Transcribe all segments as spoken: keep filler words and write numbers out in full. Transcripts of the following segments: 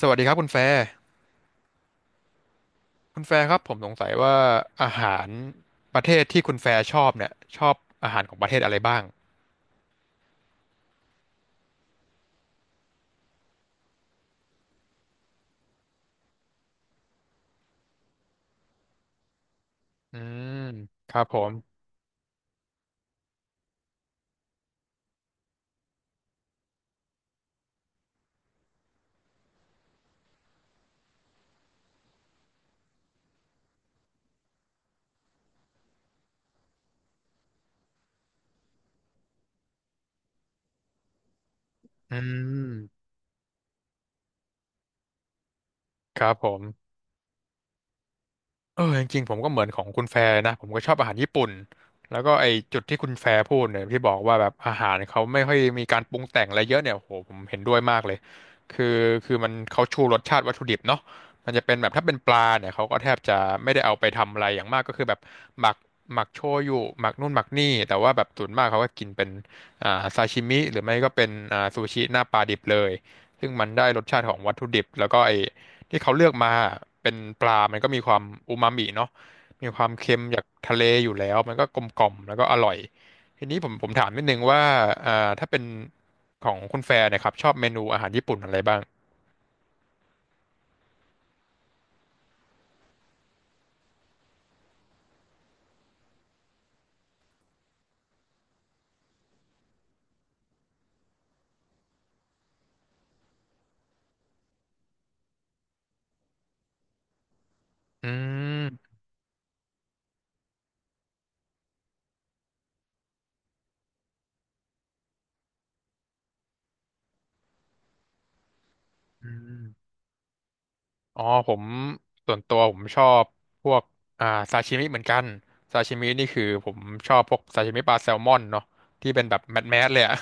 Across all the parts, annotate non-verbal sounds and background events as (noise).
สวัสดีครับคุณแฟร์ คุณแฟร์ครับผมสงสัยว่าอาหารประเทศที่คุณแฟร์ชอบเนี่ยชอบอาหารของประเทศอะไรบ้างอืมครับผมอืมครับผม เออจริงๆผมก็เหมือนของคุณแฟร์นะผมก็ชอบอาหารญี่ปุ่นแล้วก็ไอจุดที่คุณแฟร์พูดเนี่ยที่บอกว่าแบบอาหารเขาไม่ค่อยมีการปรุงแต่งอะไรเยอะเนี่ยโอ้โหผมเห็นด้วยมากเลยคือคือมันเขาชูรสชาติวัตถุดิบเนาะมันจะเป็นแบบถ้าเป็นปลาเนี่ยเขาก็แทบจะไม่ได้เอาไปทำอะไรอย่างมากก็คือแบบหมักหมักโชยุหมักนู่นหมักนี่แต่ว่าแบบส่วนมากเขาก็กินเป็นอ่าซาชิมิหรือไม่ก็เป็นอ่าซูชิหน้าปลาดิบเลยซึ่งมันได้รสชาติของวัตถุดิบแล้วก็ไอ ที่เขาเลือกมาเป็นปลามันก็มีความอูมามิเนาะมีความเค็มจากทะเลอยู่แล้วมันก็กลมกล่อมแล้วก็อร่อยทีนี้ผมผมถามนิดนึงว่าอ่าถ้าเป็นของคุณแฟร์เนยครับชอบเมนูอาหารญี่ปุ่นอะไรบ้างอืมอืม อ๋อผมส่วนตัวผมชอบพวกอ่าซาชิมิเหมือนกันซาชิมินี่คือผมชอบพวกซาชิมิปลาแซลมอนเนาะที่เป็นแบบแมสแมสเลยอะ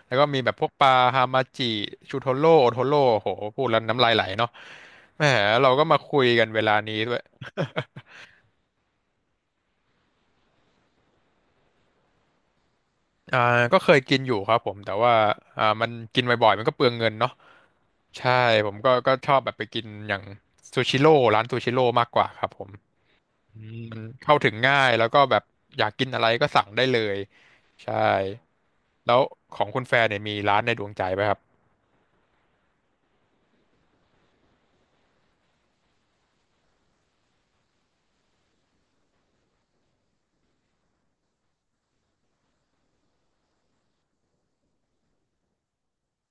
(laughs) แล้วก็มีแบบพวกปลาฮามาจิชูโทโร่โอโทโร่โหพูดแล้วน้ำลายไหลเนาะแหมเราก็มาคุยกันเวลานี้ด้วยอ่าก็เคยกินอยู่ครับผมแต่ว่าอ่ามันกินบ่อยๆมันก็เปลืองเงินเนาะใช่ผมก็ก็ชอบแบบไปกินอย่างซูชิโร่ร้านซูชิโร่มากกว่าครับผม อืมมันเข้าถึงง่ายแล้วก็แบบอยากกินอะไรก็สั่งได้เลยใช่แล้วของคุณแฟนเนี่ยมีร้านในดวงใจไหมครับ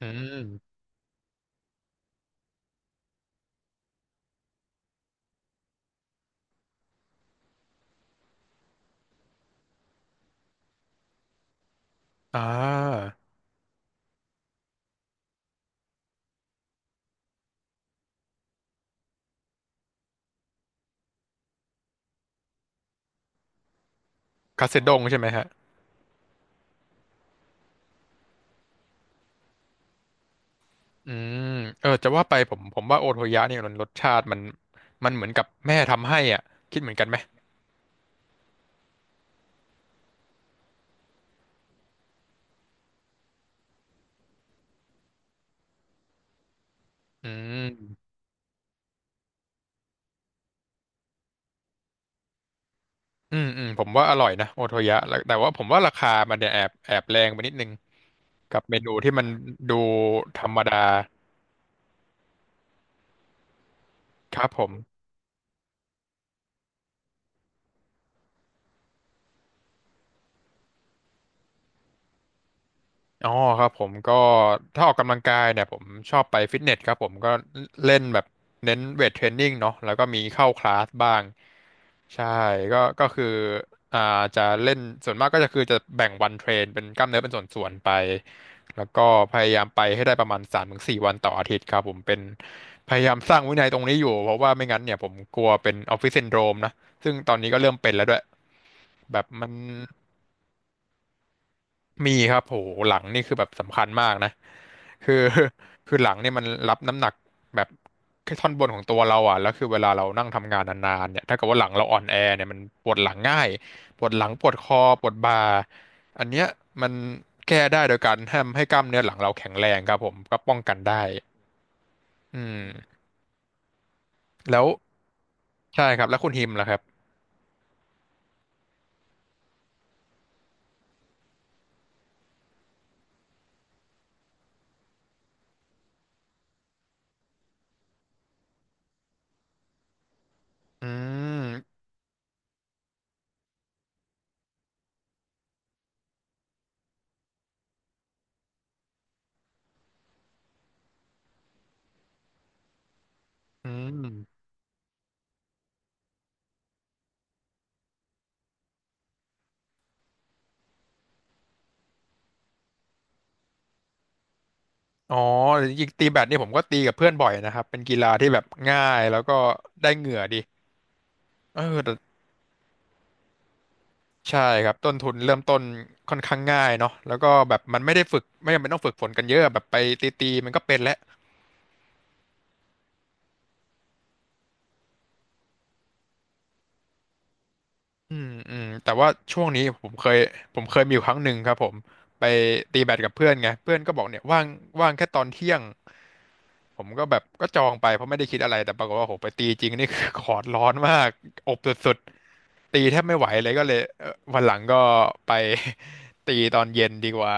อืมอ่าคาเซดงใช่ไหมฮะอืมเออจะว่าไปผมผมว่าโอโทยะเนี่ยมันรสชาติมันมันเหมือนกับแม่ทำให้อ่ะคิดเหมือนกันไหมอืมอืมอืมผมว่าอร่อยนะโอโทยะแล้วแต่ว่าผมว่าราคามันเนี่ยแอบแอบแรงไปนิดนึงกับเมนูที่มันดูธรรมดาครับผม อ๋อครับผมก็ถ้าออกกำลังกายเนี่ยผมชอบไปฟิตเนสครับผมก็เล่นแบบเน้นเวทเทรนนิ่งเนาะแล้วก็มีเข้าคลาสบ้างใช่ก็ก็คืออ่าจะเล่นส่วนมากก็จะคือจะแบ่งวันเทรนเป็นกล้ามเนื้อเป็นส่วนๆไปแล้วก็พยายามไปให้ได้ประมาณสามถึงสี่วันต่ออาทิตย์ครับผมเป็นพยายามสร้างวินัยตรงนี้อยู่เพราะว่าไม่งั้นเนี่ยผมกลัวเป็นออฟฟิศซินโดรมนะซึ่งตอนนี้ก็เริ่มเป็นแล้วด้วยแบบมัน มีครับโหหลังนี่คือแบบสำคัญมากนะคือ (laughs) คือหลังเนี่ยมันรับน้ำหนักแบบแค่ท่อนบนของตัวเราอ่ะแล้วคือเวลาเรานั่งทำงานนานๆเนี่ยถ้าเกิดว่าหลังเราอ่อนแอเนี่ยมันปวดหลังง่ายปวดหลังปวดคอปวดบ่าอันเนี้ยมันแก้ได้โดยการทำให้กล้ามเนื้อหลังเราแข็งแรงครับผมก็ป้องกันได้อืมแล้วใช่ครับแล้วคุณฮิมล่ะครับอืมอืมอ๋อจริงๆตีแบดนี่ผมก็ตีกับเพื่อนบ่อยนะครับเป็นกีฬาที่แบบง่ายแล้วก็ได้เหงื่อดี เออแต่ใช่ครับ ต้นทุนเริ่มต้นค่อนข้างง่ายเนาะแล้วก็แบบมันไม่ได้ฝึก ไม่จำเป็นต้องฝึกฝนกันเยอะแบบไปตีๆมันก็เป็นแล้วอืมอืมแต่ว่าช่วงนี้ผมเคยผมเคยมีอยู่ครั้งหนึ่งครับผม ไปตีแบดกับเพื่อนไงเพื่อนก็บอกเนี่ยว่างว่างแค่ตอนเที่ยงผมก็แบบก็จองไปเพราะไม่ได้คิดอะไรแต่ปรากฏว่าโหไปตีจริงนี่คือ (laughs) คอร์ดร้อนมาก อบสุดๆตีแทบไม่ไหวเลยก็เลยเอ่อวันหลังก็ไป (laughs) ตีตอนเย็นดีกว่า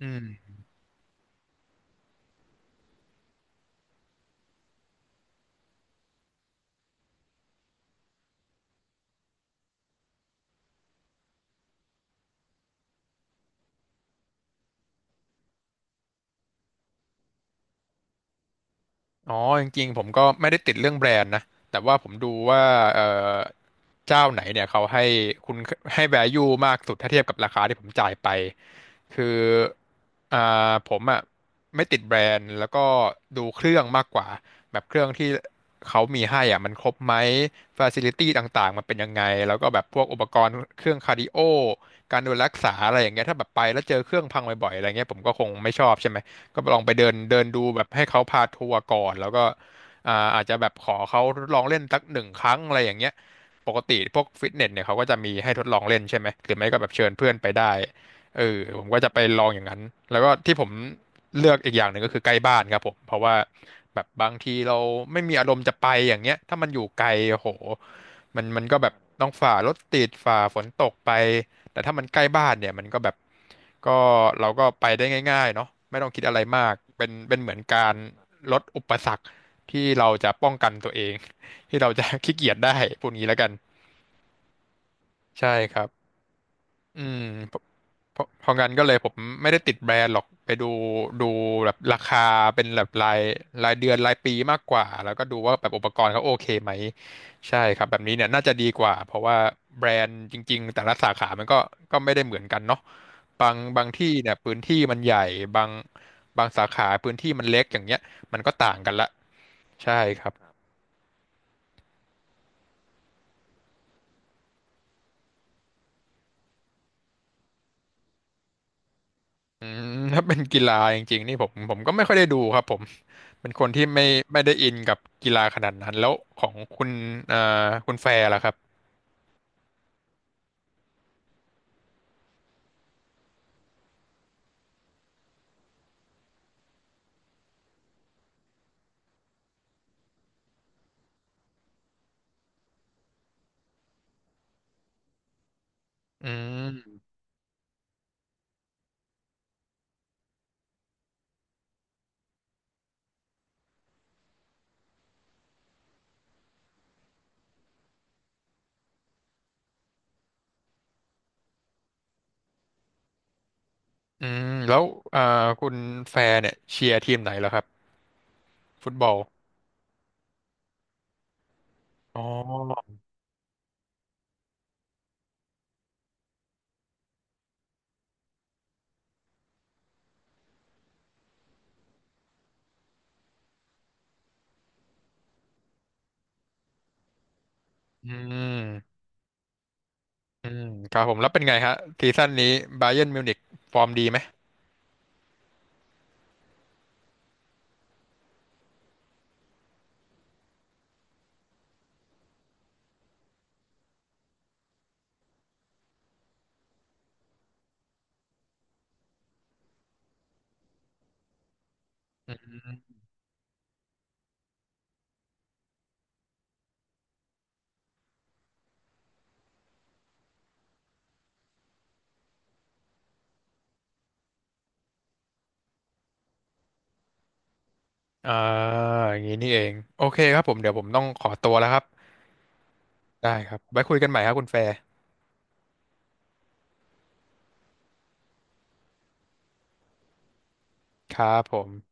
อืม อ๋อจริงๆผมก็ไม่ได้ติดเรื่องแบรนด์นะแต่ว่าผมดูว่าเอ่อเจ้าไหนเนี่ยเขาให้คุณให้ แวลู มากสุดถ้าเทียบกับราคาที่ผมจ่ายไปคืออ่าผมอ่ะไม่ติดแบรนด์แล้วก็ดูเครื่องมากกว่าแบบเครื่องที่เขามีให้อ่ะมันครบไหมฟ a ซิลิตี้ต่างๆมันเป็นยังไงแล้วก็แบบพวกอุปกรณ์เครื่องคาร์ดิโอการดูแลรักษาอะไรอย่างเงี้ยถ้าแบบไปแล้วเจอเครื่องพังบ่อยๆอะไรเงี้ยผมก็คงไม่ชอบใช่ไหม ก็ลองไปเดินเดินดูแบบให้เขาพาทัวร์ก่อนแล้วก็อ่าอาจจะแบบขอเขาทดลองเล่นสักหนึ่งครั้งอะไรอย่างเงี้ยปกติพวกฟิตเนสเนี่ยเขาก็จะมีให้ทดลองเล่นใช่ไหมหรือไม่ก็แบบเชิญเพื่อนไปได้เออผมก็จะไปลองอย่างนั้นแล้วก็ที่ผมเลือกอีกอย่างหนึ่งก็คือใกล้บ้านครับผมเพราะว่าแบบบางทีเราไม่มีอารมณ์จะไปอย่างเงี้ยถ้ามันอยู่ไกลโอ้โหมันมันก็แบบต้องฝ่ารถติดฝ่าฝนตกไป แต่ถ้ามันใกล้บ้านเนี่ยมันก็แบบก็เราก็ไปได้ง่ายๆเนาะไม่ต้องคิดอะไรมากเป็นเป็นเหมือนการลดอุปสรรคที่เราจะป้องกันตัวเอง (laughs) ที่เราจะขี้เกียจได้พูดงี้แล้วกันใช่ครับ อืมเพราะเพราะเพราะงั้นก็เลยผมไม่ได้ติดแบรนด์หรอกไปดูดูแบบราคาเป็นแบบรายรายเดือนรายปีมากกว่าแล้วก็ดูว่าแบบอุปกรณ์เขาโอเคไหมใช่ครับแบบนี้เนี่ย น่าจะดีกว่าเพราะว่าแบรนด์จริงๆแต่ละสาขามันก็ก็ไม่ได้เหมือนกันเนาะบางบางที่เนี่ยพื้นที่มันใหญ่บางบางสาขาพื้นที่มันเล็กอย่างเงี้ยมันก็ต่างกันละใช่ครับ อืม (laughs) ถ้าเป็นกีฬาจริงๆนี่ผมผมก็ไม่ค่อยได้ดูครับผมเป็นคนที่ไม่ไม่ได้อินกับกีฬาขนาดนั้นแล้วของคุณเอ่อคุณแฟร์ล่ะครับอืมอืมแล้วเอ่อคุณแฟร์เนี่ยเชียร์ทีมไหนเหรอครับฟุตบอลอ๋ออืมอืมครับผมแล้วเป็นไงฮะซีซั่นนี้บ a เยิร์นมิวนิกฟอร์มดีไหมอืมอ่าอย่างนี้นี่เองโอเคครับผมเดี๋ยวผมต้องขอตัวแล้วครับได้ครับไว้คุยกันใหม่ครับคุณแฟร์ครับผม